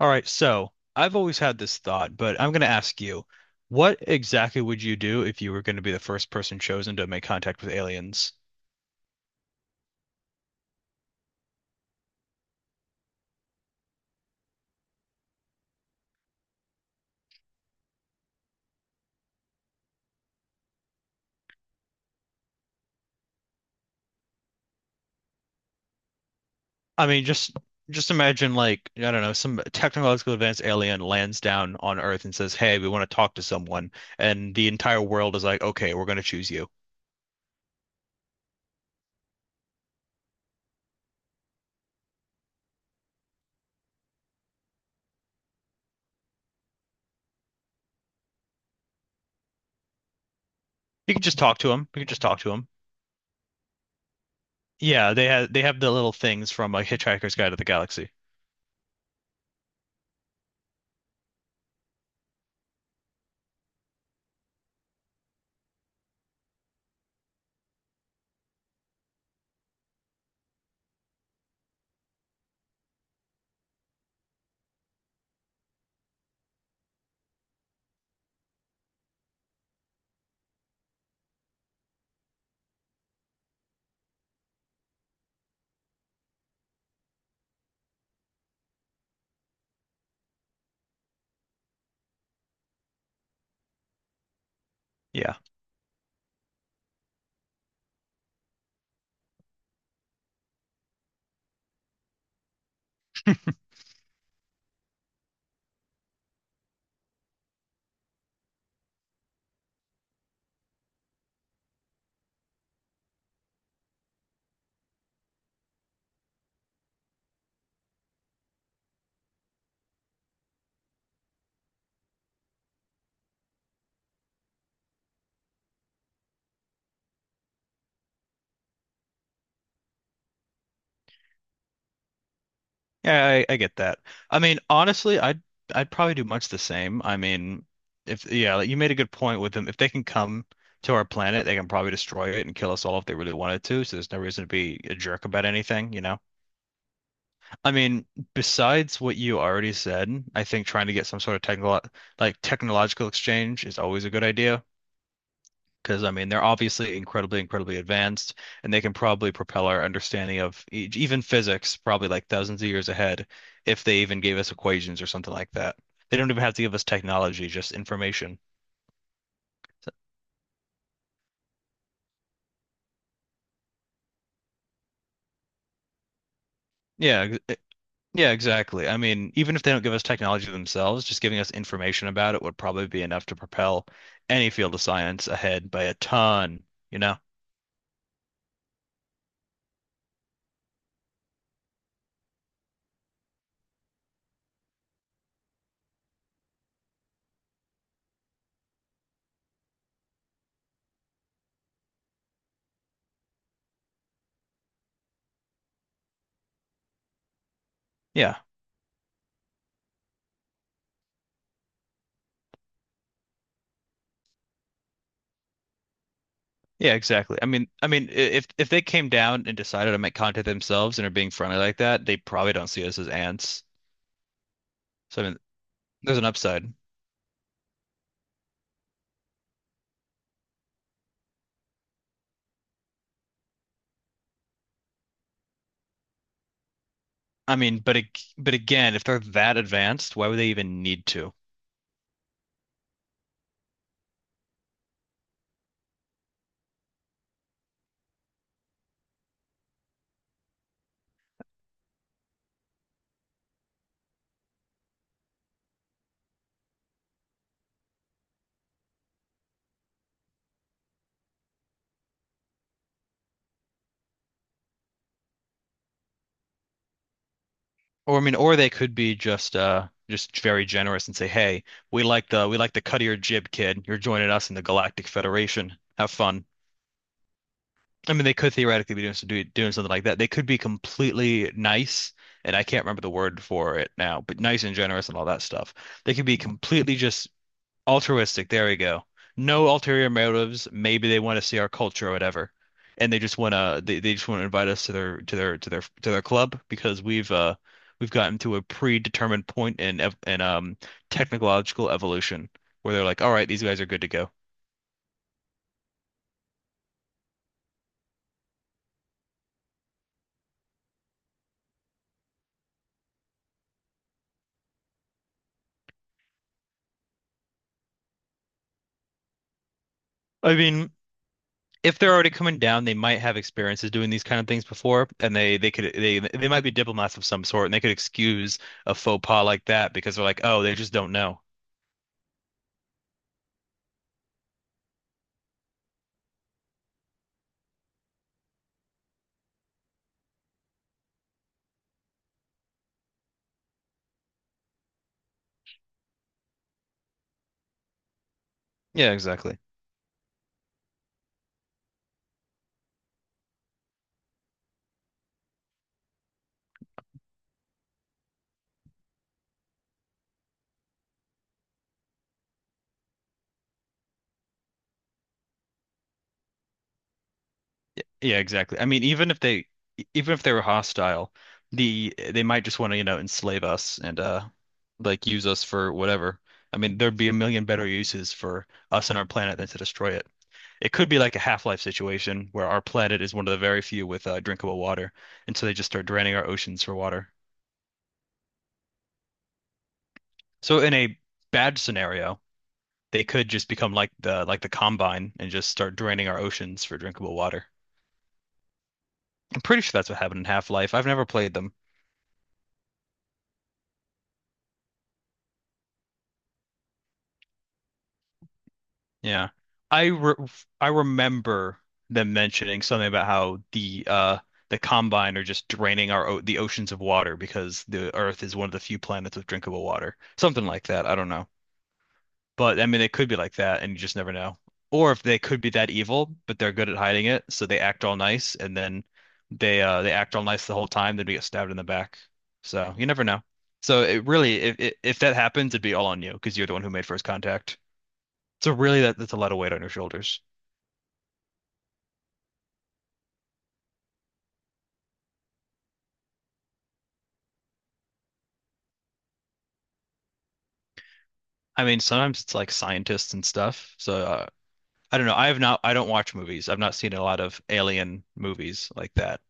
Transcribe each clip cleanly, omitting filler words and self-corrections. All right, so I've always had this thought, but I'm going to ask you, what exactly would you do if you were going to be the first person chosen to make contact with aliens? I mean, just imagine, like, I don't know, some technological advanced alien lands down on Earth and says, "Hey, we want to talk to someone." And the entire world is like, "Okay, we're going to choose you." You can just talk to them. You can just talk to them. Yeah, they have the little things from, like, Hitchhiker's Guide to the Galaxy. Yeah. Yeah, I get that. I mean, honestly, I'd probably do much the same. I mean, if yeah, like you made a good point with them. If they can come to our planet, they can probably destroy it and kill us all if they really wanted to. So there's no reason to be a jerk about anything, you know? I mean, besides what you already said, I think trying to get some sort of technical like technological exchange is always a good idea. Because, I mean, they're obviously incredibly, incredibly advanced, and they can probably propel our understanding of e even physics probably like thousands of years ahead if they even gave us equations or something like that. They don't even have to give us technology, just information. So, Yeah, yeah, exactly. I mean, even if they don't give us technology themselves, just giving us information about it would probably be enough to propel any field of science ahead by a ton, you know? Yeah. Yeah, exactly. I mean, if they came down and decided to make contact themselves and are being friendly like that, they probably don't see us as ants. So, I mean, there's an upside. I mean, but again, if they're that advanced, why would they even need to? Or, I mean, or they could be just very generous and say, "Hey, we like the cut of your jib, kid. You're joining us in the Galactic Federation. Have fun." I mean, they could theoretically be doing something like that. They could be completely nice, and I can't remember the word for it now, but nice and generous and all that stuff. They could be completely just altruistic. There we go. No ulterior motives. Maybe they want to see our culture or whatever, and they just want to invite us to their club because we've gotten to a predetermined point in technological evolution where they're like, all right, these guys are good to go. I mean. If they're already coming down, they might have experiences doing these kind of things before, and they could they might be diplomats of some sort, and they could excuse a faux pas like that because they're like, oh, they just don't know. Yeah, exactly. Yeah, exactly. I mean, even if they were hostile, they might just want to, you know, enslave us and like use us for whatever. I mean, there'd be a million better uses for us and our planet than to destroy it. It could be like a Half-Life situation where our planet is one of the very few with drinkable water, and so they just start draining our oceans for water. So in a bad scenario, they could just become like the Combine and just start draining our oceans for drinkable water. I'm pretty sure that's what happened in Half-Life. I've never played them. Yeah. I re I remember them mentioning something about how the Combine are just draining our o the oceans of water because the Earth is one of the few planets with drinkable water. Something like that. I don't know. But, I mean, it could be like that, and you just never know. Or if they could be that evil, but they're good at hiding it, so they act all nice, and then they act all nice the whole time, then we get stabbed in the back. So you never know. So it really, if that happens, it'd be all on you because you're the one who made first contact. So really, that's a lot of weight on your shoulders. I mean, sometimes it's like scientists and stuff. So, I don't know. I have not. I don't watch movies. I've not seen a lot of alien movies like that.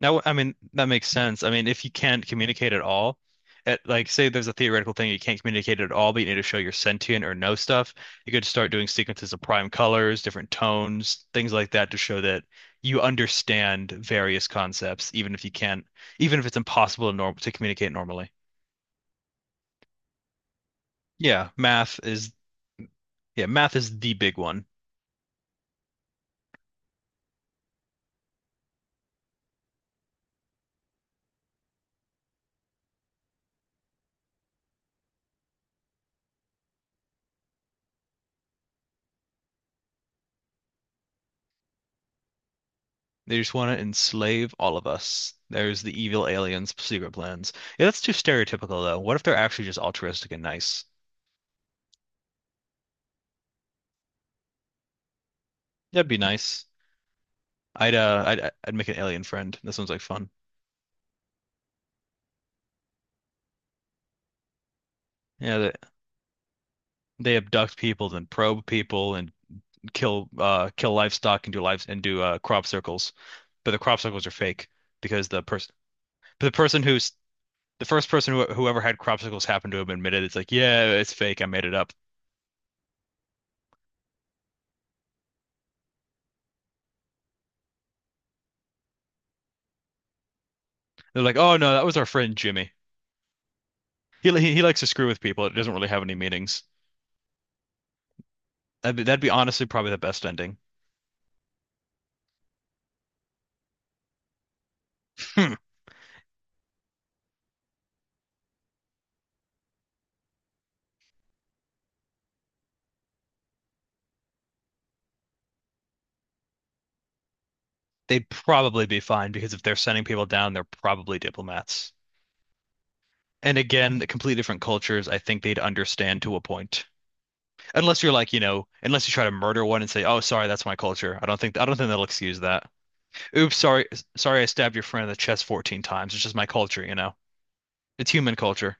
Now, I mean, that makes sense. I mean, if you can't communicate at all, like, say there's a theoretical thing you can't communicate at all, but you need to show your sentient or know stuff, you could start doing sequences of prime colors, different tones, things like that to show that you understand various concepts, even if it's impossible to communicate normally. Yeah, math is yeah, math is the big one. They just want to enslave all of us. There's the evil aliens' secret plans. Yeah, that's too stereotypical though. What if they're actually just altruistic and nice? That'd be nice. I'd make an alien friend. This sounds like fun. Yeah, they abduct people, then probe people, and kill livestock and do lives and do crop circles, but the crop circles are fake because the person but the person who's the first person whoever had crop circles happened to have admitted it's like, yeah, it's fake. I made it up. They're like, "Oh, no, that was our friend Jimmy." He likes to screw with people. It doesn't really have any meanings. That'd be honestly probably the best ending. Hmm. They'd probably be fine because if they're sending people down, they're probably diplomats. And again, completely different cultures. I think they'd understand to a point. Unless you're like, unless you try to murder one and say, "Oh, sorry, that's my culture." I don't think they'll excuse that. Oops, sorry, sorry, I stabbed your friend in the chest 14 times. It's just my culture, you know. It's human culture.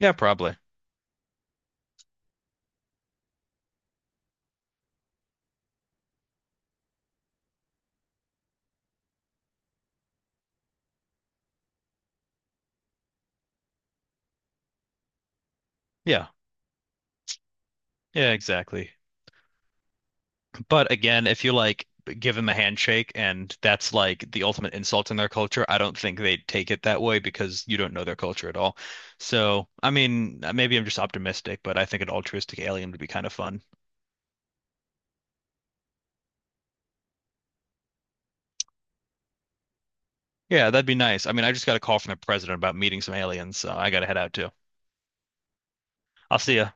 Yeah, probably. Yeah. Yeah, exactly. But again, if you like give them a handshake and that's like the ultimate insult in their culture, I don't think they'd take it that way because you don't know their culture at all. So, I mean, maybe I'm just optimistic, but I think an altruistic alien would be kind of fun. Yeah, that'd be nice. I mean, I just got a call from the president about meeting some aliens, so I gotta head out too. I'll see you.